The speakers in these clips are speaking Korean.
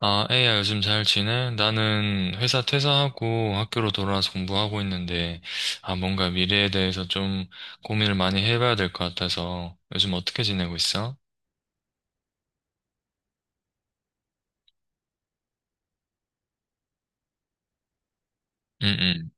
아, 에이야, 요즘 잘 지내? 나는 회사 퇴사하고 학교로 돌아와서 공부하고 있는데, 아, 뭔가 미래에 대해서 좀 고민을 많이 해봐야 될 것 같아서, 요즘 어떻게 지내고 있어? 응, 응,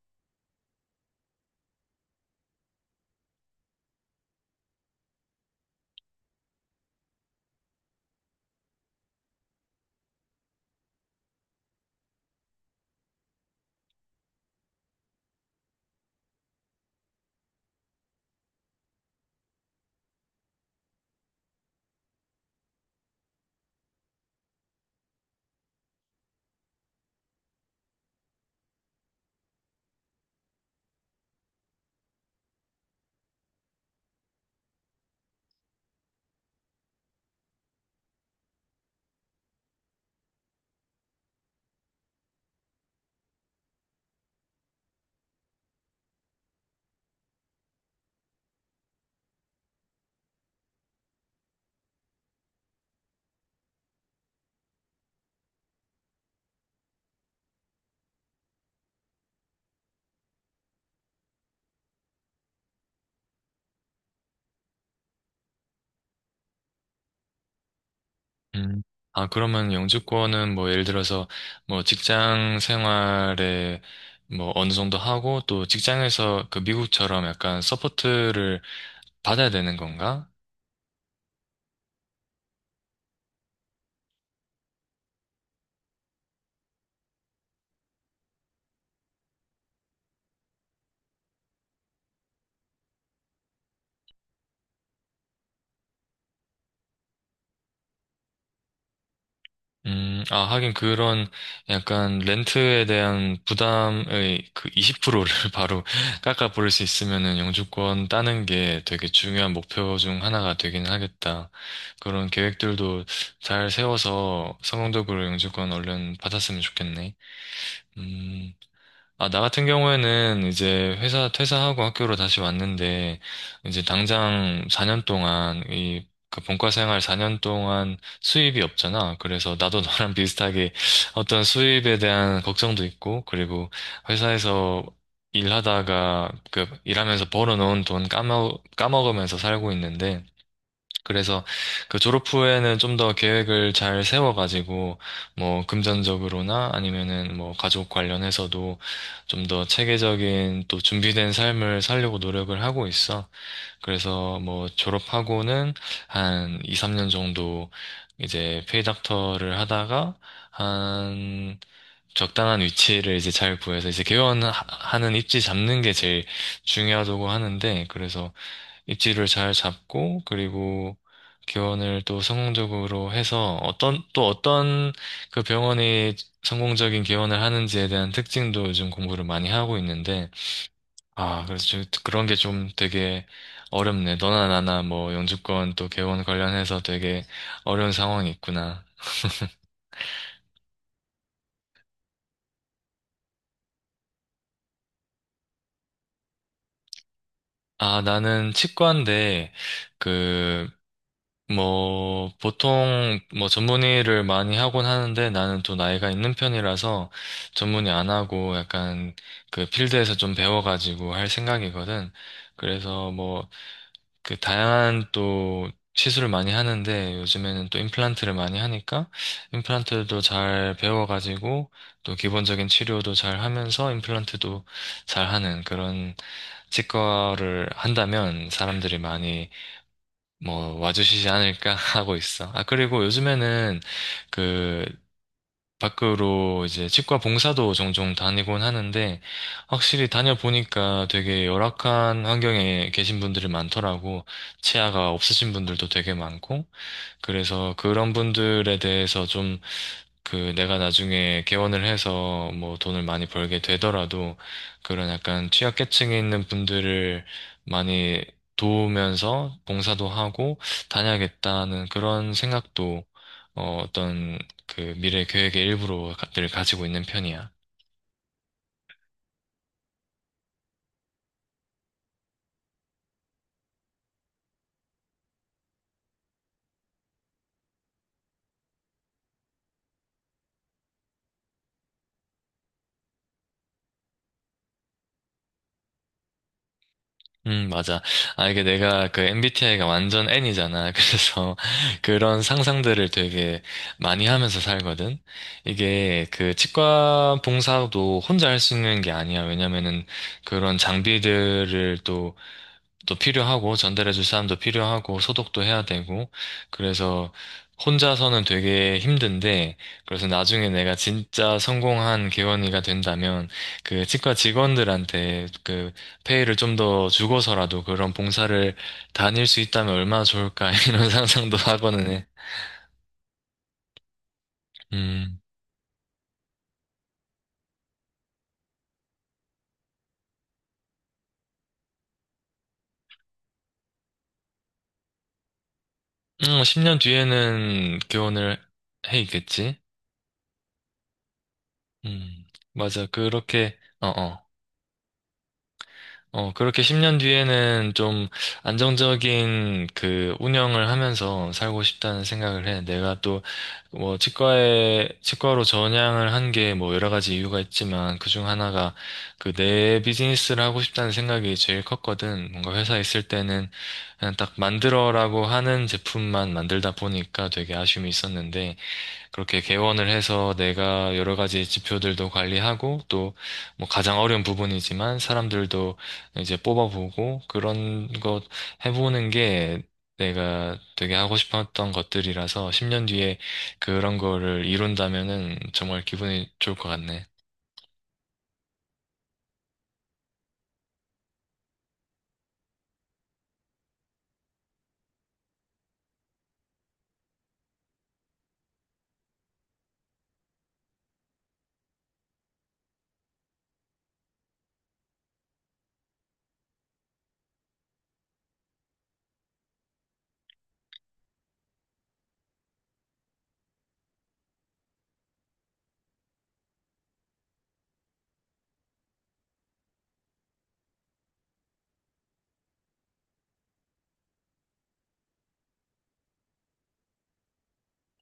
응. 아, 그러면 영주권은 뭐 예를 들어서 뭐 직장 생활에 뭐 어느 정도 하고 또 직장에서 그 미국처럼 약간 서포트를 받아야 되는 건가? 아, 하긴 그런 약간 렌트에 대한 부담의 그 20%를 바로 깎아버릴 수 있으면은 영주권 따는 게 되게 중요한 목표 중 하나가 되긴 하겠다. 그런 계획들도 잘 세워서 성공적으로 영주권 얼른 받았으면 좋겠네. 음, 아, 나 같은 경우에는 이제 회사 퇴사하고 학교로 다시 왔는데, 이제 당장 4년 동안, 이, 그 본과 생활 4년 동안 수입이 없잖아. 그래서 나도 너랑 비슷하게 어떤 수입에 대한 걱정도 있고, 그리고 회사에서 일하다가, 그, 일하면서 벌어놓은 돈 까먹으면서 살고 있는데, 그래서 그 졸업 후에는 좀 더 계획을 잘 세워가지고 뭐 금전적으로나 아니면은 뭐 가족 관련해서도 좀 더 체계적인 또 준비된 삶을 살려고 노력을 하고 있어. 그래서 뭐 졸업하고는 한 2, 3년 정도 이제 페이닥터를 하다가 한 적당한 위치를 이제 잘 구해서 이제 개원하는 입지 잡는 게 제일 중요하다고 하는데, 그래서 입지를 잘 잡고, 그리고 개원을 또 성공적으로 해서 어떤 또 어떤 그 병원이 성공적인 개원을 하는지에 대한 특징도 요즘 공부를 많이 하고 있는데, 아 그래서 그런 게 좀 되게 어렵네. 너나 나나 뭐 영주권 또 개원 관련해서 되게 어려운 상황이 있구나. 아 나는 치과인데 그 뭐, 보통, 뭐, 전문의를 많이 하곤 하는데, 나는 또 나이가 있는 편이라서 전문의 안 하고 약간 그 필드에서 좀 배워가지고 할 생각이거든. 그래서 뭐, 그 다양한 또 시술을 많이 하는데, 요즘에는 또 임플란트를 많이 하니까 임플란트도 잘 배워가지고 또 기본적인 치료도 잘 하면서 임플란트도 잘 하는 그런 치과를 한다면 사람들이 많이 뭐 와주시지 않을까 하고 있어. 아, 그리고 요즘에는 그 밖으로 이제 치과 봉사도 종종 다니곤 하는데, 확실히 다녀보니까 되게 열악한 환경에 계신 분들이 많더라고. 치아가 없으신 분들도 되게 많고. 그래서 그런 분들에 대해서 그 내가 나중에 개원을 해서 뭐 돈을 많이 벌게 되더라도 그런 약간 취약계층에 있는 분들을 많이 도우면서 봉사도 하고 다녀야겠다는 그런 생각도, 어떤 그 미래 계획의 일부로 늘 가지고 있는 편이야. 맞아. 아, 이게 내가 그 MBTI가 완전 N이잖아. 그래서 그런 상상들을 되게 많이 하면서 살거든. 이게 그 치과 봉사도 혼자 할 수 있는 게 아니야. 왜냐면은 그런 장비들을 또 필요하고, 전달해줄 사람도 필요하고, 소독도 해야 되고, 그래서 혼자서는 되게 힘든데, 그래서 나중에 내가 진짜 성공한 개원이가 된다면 그 치과 직원들한테 그 페이를 좀 더 주고서라도 그런 봉사를 다닐 수 있다면 얼마나 좋을까 이런 상상도 하고는 해. 음, 10년 뒤에는 개원을 해 있겠지? 음, 맞아. 그렇게, 어어. 그렇게 10년 뒤에는 좀 안정적인 그 운영을 하면서 살고 싶다는 생각을 해. 내가 또 뭐 치과로 전향을 한 게 뭐 여러 가지 이유가 있지만 그 중 하나가 그 내 비즈니스를 하고 싶다는 생각이 제일 컸거든. 뭔가 회사에 있을 때는 그냥 딱 만들어라고 하는 제품만 만들다 보니까 되게 아쉬움이 있었는데, 그렇게 개원을 해서 내가 여러 가지 지표들도 관리하고 또 뭐 가장 어려운 부분이지만 사람들도 이제 뽑아보고 그런 것 해보는 게 내가 되게 하고 싶었던 것들이라서 10년 뒤에 그런 거를 이룬다면은 정말 기분이 좋을 것 같네.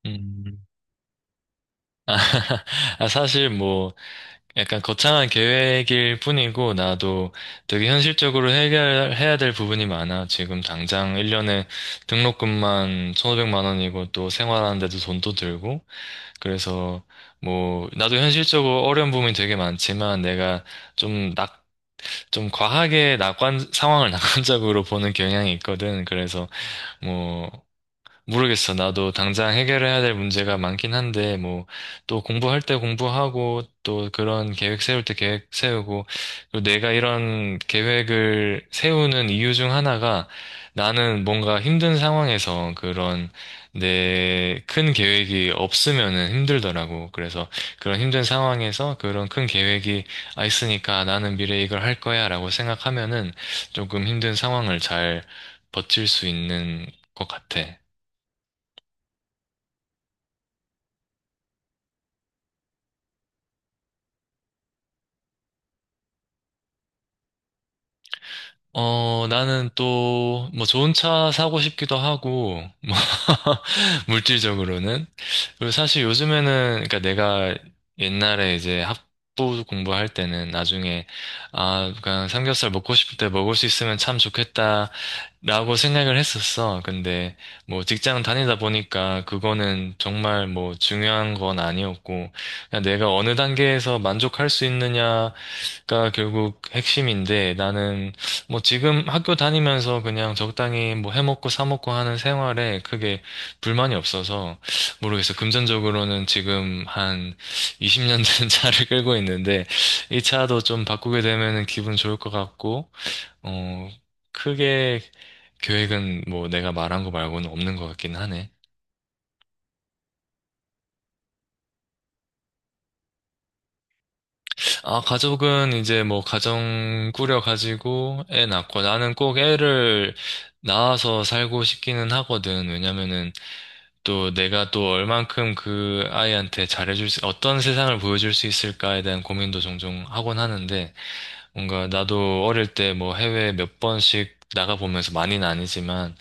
음. 아, 아, 사실 뭐, 약간 거창한 계획일 뿐이고, 나도 되게 현실적으로 해결해야 될 부분이 많아. 지금 당장 1년에 등록금만 1,500만 원이고, 또 생활하는데도 돈도 들고, 그래서 뭐, 나도 현실적으로 어려운 부분이 되게 많지만, 내가 좀 낙, 좀 과하게 상황을 낙관적으로 보는 경향이 있거든. 그래서 뭐, 모르겠어. 나도 당장 해결해야 될 문제가 많긴 한데, 뭐, 또 공부할 때 공부하고, 또 그런 계획 세울 때 계획 세우고, 또 내가 이런 계획을 세우는 이유 중 하나가, 나는 뭔가 힘든 상황에서 그런 내 큰 계획이 없으면은 힘들더라고. 그래서 그런 힘든 상황에서 그런 큰 계획이 있으니까 나는 미래에 이걸 할 거야 라고 생각하면은 조금 힘든 상황을 잘 버틸 수 있는 것 같아. 나는 또, 뭐, 좋은 차 사고 싶기도 하고, 뭐, 물질적으로는. 그리고 사실 요즘에는, 그러니까 내가 옛날에 이제 학부 공부할 때는 나중에, 그냥 삼겹살 먹고 싶을 때 먹을 수 있으면 참 좋겠다, 라고 생각을 했었어. 근데, 뭐, 직장 다니다 보니까 그거는 정말 뭐, 중요한 건 아니었고, 그냥 내가 어느 단계에서 만족할 수 있느냐, 가 결국 핵심인데, 나는 뭐 지금 학교 다니면서 그냥 적당히 뭐 해먹고 사먹고 하는 생활에 크게 불만이 없어서 모르겠어. 금전적으로는 지금 한 20년 된 차를 끌고 있는데, 이 차도 좀 바꾸게 되면은 기분 좋을 것 같고, 어 크게 계획은 뭐 내가 말한 거 말고는 없는 것 같긴 하네. 아, 가족은 이제 뭐 가정 꾸려가지고 애 낳고, 나는 꼭 애를 낳아서 살고 싶기는 하거든. 왜냐면은 또 내가 또 얼만큼 그 아이한테 잘해줄 수, 어떤 세상을 보여줄 수 있을까에 대한 고민도 종종 하곤 하는데, 뭔가 나도 어릴 때 뭐 해외 몇 번씩 나가보면서, 많이는 아니지만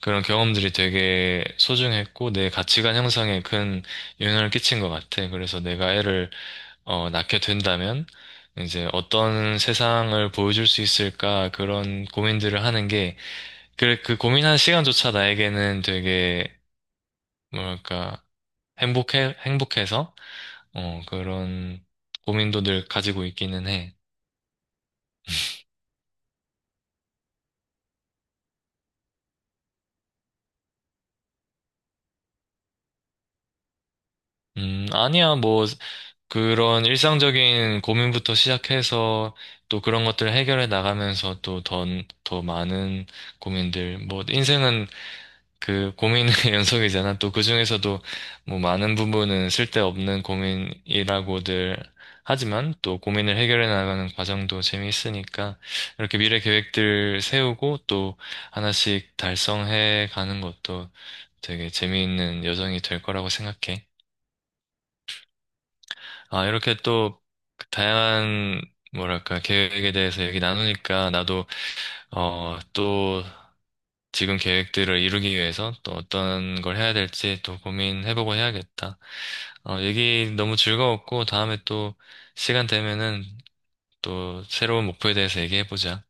그런 경험들이 되게 소중했고 내 가치관 형성에 큰 영향을 끼친 것 같아. 그래서 내가 애를 낳게 된다면 이제 어떤 세상을 보여줄 수 있을까, 그런 고민들을 하는 게, 그 고민하는 시간조차 나에게는 되게, 뭐랄까, 행복해서, 그런 고민도 늘 가지고 있기는 해. 아니야, 뭐, 그런 일상적인 고민부터 시작해서 또 그런 것들을 해결해 나가면서 또 더 많은 고민들, 뭐, 인생은 그 고민의 연속이잖아. 또 그중에서도 뭐 많은 부분은 쓸데없는 고민이라고들 하지만, 또 고민을 해결해 나가는 과정도 재미있으니까 이렇게 미래 계획들 세우고 또 하나씩 달성해 가는 것도 되게 재미있는 여정이 될 거라고 생각해. 아, 이렇게 또 다양한 뭐랄까 계획에 대해서 얘기 나누니까 나도, 또 지금 계획들을 이루기 위해서 또 어떤 걸 해야 될지 또 고민해보고 해야겠다. 얘기 너무 즐거웠고, 다음에 또 시간 되면은 또 새로운 목표에 대해서 얘기해보자.